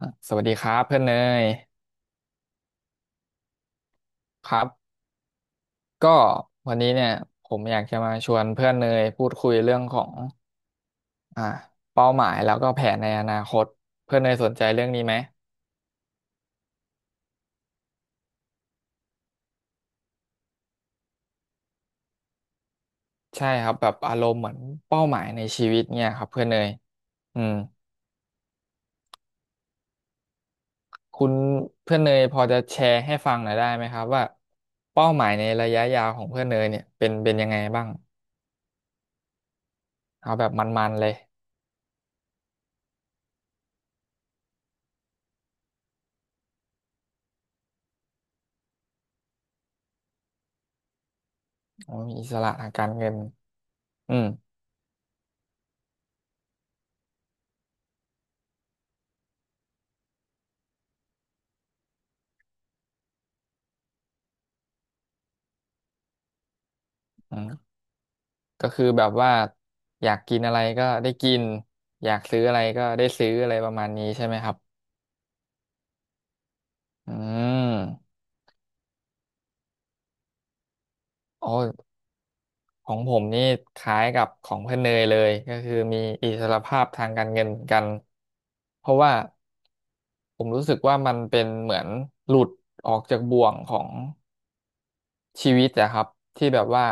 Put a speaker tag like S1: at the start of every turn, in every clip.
S1: อ่ะสวัสดีครับเพื่อนเนยครับก็วันนี้เนี่ยผมอยากจะมาชวนเพื่อนเนยพูดคุยเรื่องของอ่าเป้าหมายแล้วก็แผนในอนาคตเพื่อนเนยสนใจเรื่องนี้ไหมใช่ครับแบบอารมณ์เหมือนเป้าหมายในชีวิตเนี่ยครับเพื่อนเนยอืมคุณเพื่อนเนยพอจะแชร์ให้ฟังหน่อยได้ไหมครับว่าเป้าหมายในระยะยาวของเพื่อนเนยเนี่ยเป็นยังไงบ้างเอาแบบมันๆเลยโอ้ยอิสระทางการเงินอืม ก็คือแบบว่าอยากกินอะไรก็ได้กินอยากซื้ออะไรก็ได้ซื้ออะไรประมาณนี้ใช่ไหมครับอืมโอ้ของผมนี่คล้ายกับของเพื่อนเนยเลยก็คือมีอิสรภาพทางการเงินเหมือนกันเพราะว่าผมรู้สึกว่ามันเป็นเหมือนหลุดออกจากบ่วงของ ชีวิตอะครับที่แบบว่า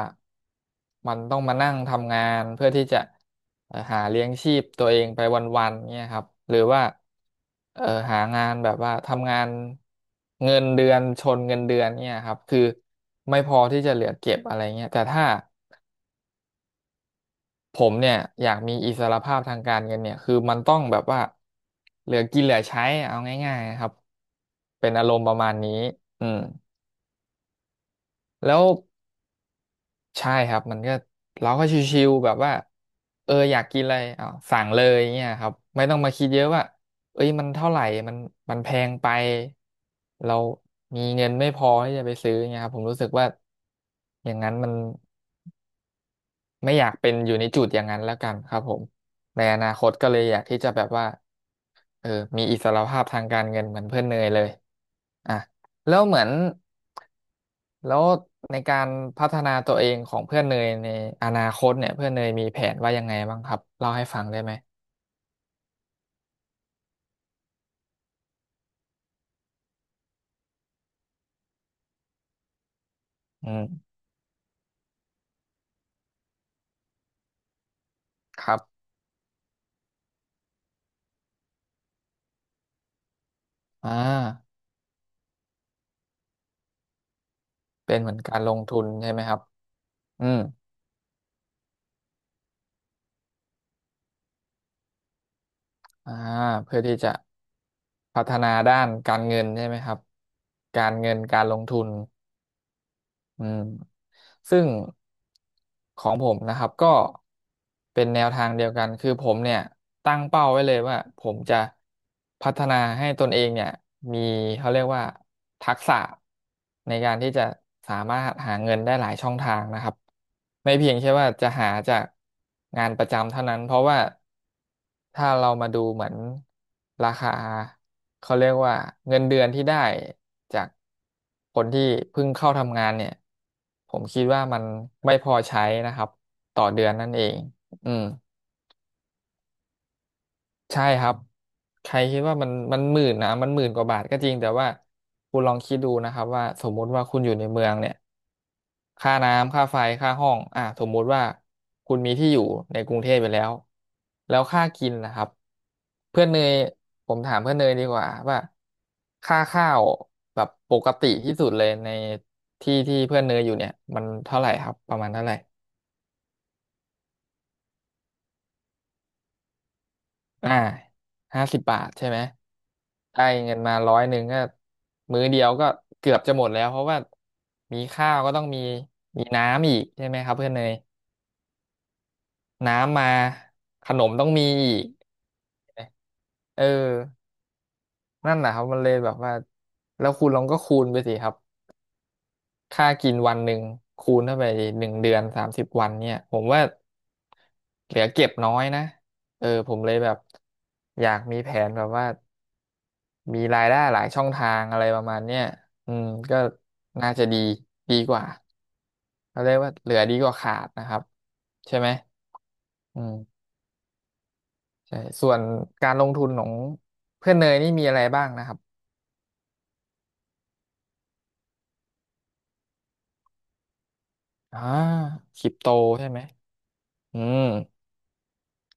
S1: มันต้องมานั่งทำงานเพื่อที่จะหาเลี้ยงชีพตัวเองไปวันๆเนี่ยครับหรือว่าเอ่อหางานแบบว่าทำงานเงินเดือนชนเงินเดือนเนี่ยครับคือไม่พอที่จะเหลือเก็บอะไรเงี้ยแต่ถ้าผมเนี่ยอยากมีอิสรภาพทางการเงินเนี่ยคือมันต้องแบบว่าเหลือกินเหลือใช้เอาง่ายๆครับเป็นอารมณ์ประมาณนี้อืมแล้ว ใช่ครับมันก็เราก็ชิวๆแบบว่าเอออยากกินอะไรอาวสั่งเลยเงี้ยครับไม่ต้องมาคิดเยอะว่าเอ้ยมันเท่าไหร่มันมันแพงไปเรามีเงินไม่พอที่จะไปซื้อเงี้ยครับผมรู้สึกว่าอย่างนั้นมันไม่อยากเป็นอยู่ในจุดอย่างนั้นแล้วกันครับผมในอนาคตก็เลยอยากที่จะแบบว่า เออมีอิสรภาพทางการเงินเหมือนเพื่อนเนยเลยอ่ะแล้วเหมือนแล้วในการพัฒนาตัวเองของเพื่อนเนยในอนาคตเนี่ยเพื่อนเนยมีแผนว่ายังไงบ้างครับเล่าให้ฟังได้ไหมอืมครับอ่าเป็นเหมือนการลงทุนใช่ไหมครับอืมอ่าเพื่อที่จะพัฒนาด้านการเงินใช่ไหมครับการเงินการลงทุน อืมซึ่งของผมนะครับก็เป็นแนวทางเดียวกันคือผมเนี่ยตั้งเป้าไว้เลยว่าผมจะพัฒนาให้ตนเองเนี่ยมีเขาเรียกว่าทักษะในการที่จะสามารถหาเงินได้หลายช่องทางนะครับไม่เพียงแค่ว่าจะหาจากงานประจำเท่านั้นเพราะว่าถ้าเรามาดูเหมือนราคาเขาเรียกว่าเงินเดือนที่ได้จาก คนที่เพิ่งเข้าทำงานเนี่ยผมคิดว่ามันไม่พอใช้นะครับต่อเดือนนั่นเองอืมใช่ครับใครคิดว่ามันหมื่นนะมันหมื่นกว่าบาทก็จริงแต่ว่าคุณลองคิดดูนะครับว่าสมมุติว่าคุณอยู่ในเมืองเนี่ย ค่าน้ำค่าไฟค่าห้องอ่ะสมมุติว่าคุณมีที่อยู่ในกรุงเทพไปแล้วแล้วค่ากินนะครับเพื่อนเนยผมถามเพื่อนเนยดีกว่าว่าค่าข้าวแบบปกติที่สุดเลยในที่ที่เพื่อนเนยอยู่เนี่ยมันเท่าไหร่ครับประมาณเท่าไหร่อ่า50 บาทใช่ไหมได้เงินมา100ก็มื้อเดียวก็เกือบจะหมดแล้วเพราะว่ามีข้าวก็ต้องมีน้ำอีกใช่ไหมครับเพื่อนเนย น้ำมาขนมต้องมีอีกเออนั่นแหละครับมันเลยแบบว่าแล้วคุณลองก็คูณไปสิครับค่ากินวันหนึ่งคูณเข้าไปหนึ่งเดือน30 วันเนี่ยผมว่าเหลือเก็บน้อยนะเออผมเลยแบบอยากมีแผนแบบว่ามีรายได้หลายช่องทางอะไรประมาณเนี้ยอืมก็น่าจะดีกว่าเขาเรียกว่าเหลือดีกว่าขาดนะครับใช่ไหมอืม ใช่ส่วนการลงทุนของเพื่อนเนยนี่มีอะไรบ้างนะครับอ่าคริปโตใช่ไหมอืม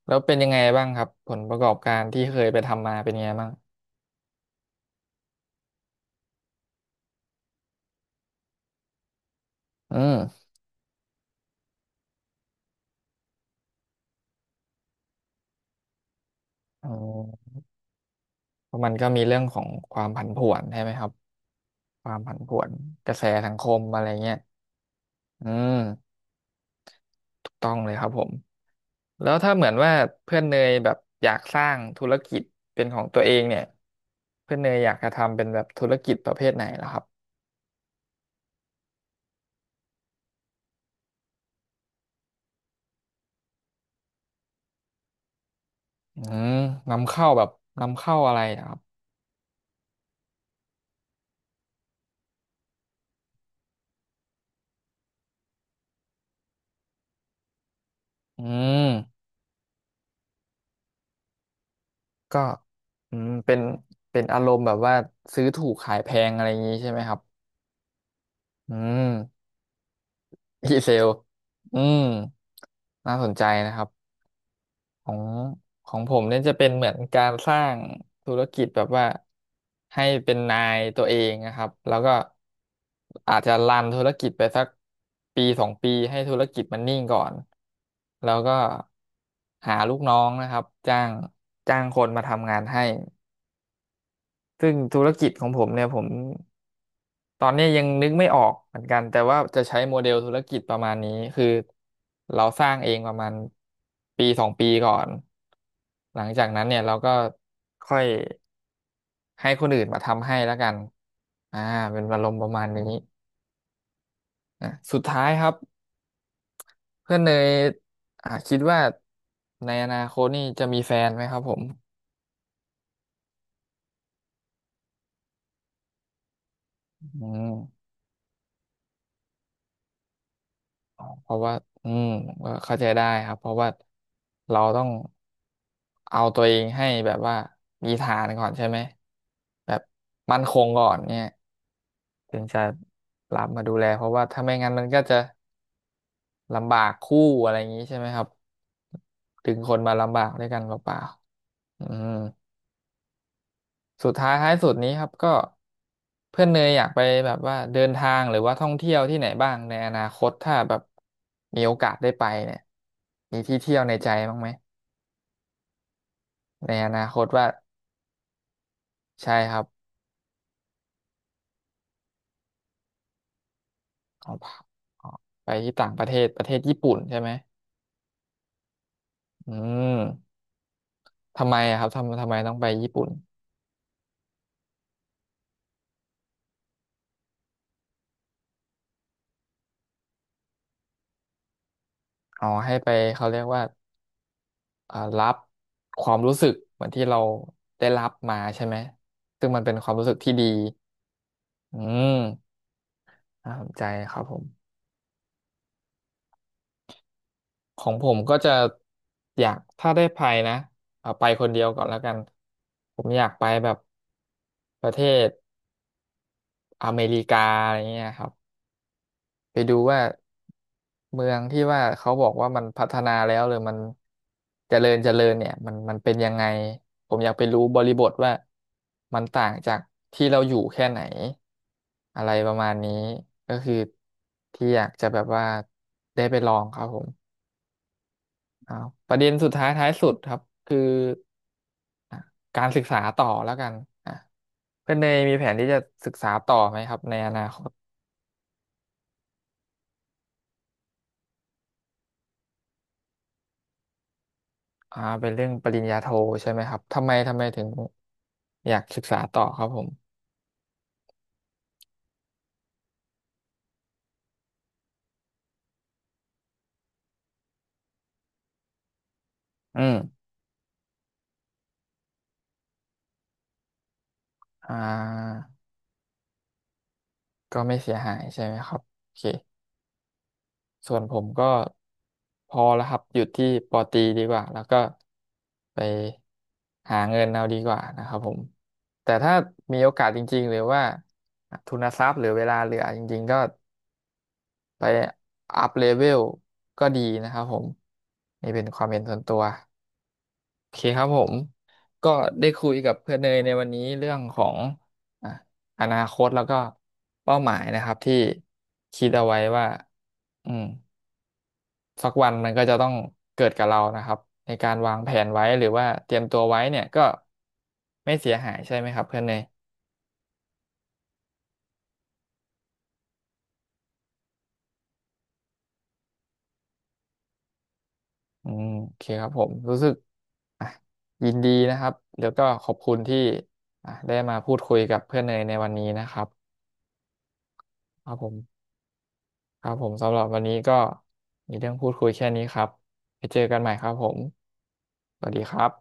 S1: แล้วเป็นยังไงบ้างครับผลประกอบการที่เคยไปทำมาเป็นยังไงบ้างอืมอ๋อเพราะมันก็มีเรื่องของความผันผวนใช่ไหมครับความผันผวนกระแสสังคมอะไรเงี้ยอืมถูกต้องเลยครับผมแล้วถ้าเหมือนว่าเพื่อนเนยแบบอยากสร้างธุรกิจเป็นของตัวเองเนี่ยเพื่อนเนยอยากจะทำเป็นแบบธุรกิจประเภทไหนล่ะครับ อืมนำเข้าแบบนำเข้าอะไรนะครับอืมก็อืมเป็นอารมณ์แบบว่าซื้อถูกขายแพงอะไรอย่างนี้ใช่ไหมครับอืมดีเซลอืมน่าสนใจนะครับ ของของผมเนี่ยจะเป็นเหมือนการสร้างธุรกิจแบบว่าให้เป็นนายตัวเองนะครับแล้วก็อาจจะรันธุรกิจไปสักปีสองปีให้ธุรกิจมันนิ่งก่อนแล้วก็หาลูกน้องนะครับจ้างคนมาทำงานให้ซึ่งธุรกิจของผมเนี่ยผม ตอนนี้ยังนึกไม่ออกเหมือนกันแต่ว่าจะใช้โมเดลธุรกิจประมาณนี้คือเราสร้างเองประมาณปีสองปีก่อนหลังจากนั้นเนี่ยเราก็ค่อยให้คนอื่นมาทำให้แล้วกันอ่าเป็นอารมณ์ประมาณนี้อ่ะสุดท้ายครับเพื่อนเนยคิดว่าในอนาคตนี่จะมีแฟนไหมครับผมอืม เพราะว่าอืมก็เข้าใจได้ครับเพราะว่าเราต้องเอาตัวเองให้แบบว่ามีฐานก่อนใช่ไหมแบบมั่นคงก่อนเนี่ยถึงจะรับมาดูแลเพราะว่าถ้าไม่งั้นมันก็จะลำบากคู่อะไรอย่างนี้ใช่ไหมครับถึงคนมาลำบากด้วยกันเปล่าๆอืม สุดท้ายท้ายสุดนี้ครับก็เพื่อนเนยอยากไปแบบว่าเดินทางหรือว่าท่องเที่ยวที่ไหนบ้างในอนาคตถ้าแบบมีโอกาสได้ไปเนี่ยมีที่เที่ยวในใจบ้างไหมในอนาคตว่าใช่ครับอ๋องอ๋อไปที่ต่างประเทศประเทศญี่ปุ่นใช่ไหมอืมทำไมอะครับทำไมต้องไปญี่ปุ่นอ๋อให้ไปเขาเรียกว่ารับความรู้สึกเหมือนที่เราได้รับมาใช่ไหมซึ่งมันเป็นความรู้สึกที่ดีอืมน่าสนใจครับผม ของผมก็จะอยากถ้าได้ไปนะเอาไปคนเดียวก่อนแล้วกันผมอยากไปแบบประเทศอเมริกาอะไรเงี้ยครับไปดูว่าเมืองที่ว่าเขาบอกว่ามันพัฒนาแล้วหรือมันเจริญเนี่ยมันเป็นยังไงผมอยากไปรู้บริบทว่ามันต่างจากที่เราอยู่แค่ไหนอะไรประมาณนี้ก็คือที่อยากจะแบบว่าได้ไปลองครับผม อ่าประเด็นสุดท้ายท้ายสุดครับคืออ่ะการศึกษาต่อแล้วกันอ่ะเพื่อนเนยมีแผนที่จะศึกษาต่อไหมครับในอนาคตเป็นเรื่องปริญญาโทใช่ไหมครับทำไมถึงอยากศึกษาต่อครับผมอืมอ่าก็ไม่เสียหายใช่ไหมครับโอเค ส่วนผมก็พอแล้วครับหยุดที่ปอตรีดีกว่าแล้วก็ไปหาเงินเอาดีกว่านะครับผมแต่ถ้ามีโอกาสจริงๆหรือว่าทุนทรัพย์หรือเวลาเหลือจริงๆก็ไปอัพเลเวลก็ดีนะครับผมนี่เป็นความเห็นส่วนตัวโอเคครับผมก็ได้คุยกับเพื่อนเนยในวันนี้เรื่องของอ่ะอนาคตแล้วก็เป้าหมายนะครับที่คิดเอาไว้ว่าอืม สักวันมันก็จะต้องเกิดกับเรานะครับในการวางแผนไว้หรือว่าเตรียมตัวไว้เนี่ยก็ไม่เสียหายใช่ไหมครับเพื่อนเนยอืมโอเคครับผมรู้สึกอ่ะยินดีนะครับแล้วก็ขอบคุณที่อ่ะได้มาพูดคุยกับเพื่อนเนยในวันนี้นะครับครับผมครับผมสำหรับวันนี้ก็มีเรื่องพูดคุยแค่นี้ครับไปเจอกันใหม่ครับผมสวัสดีครับ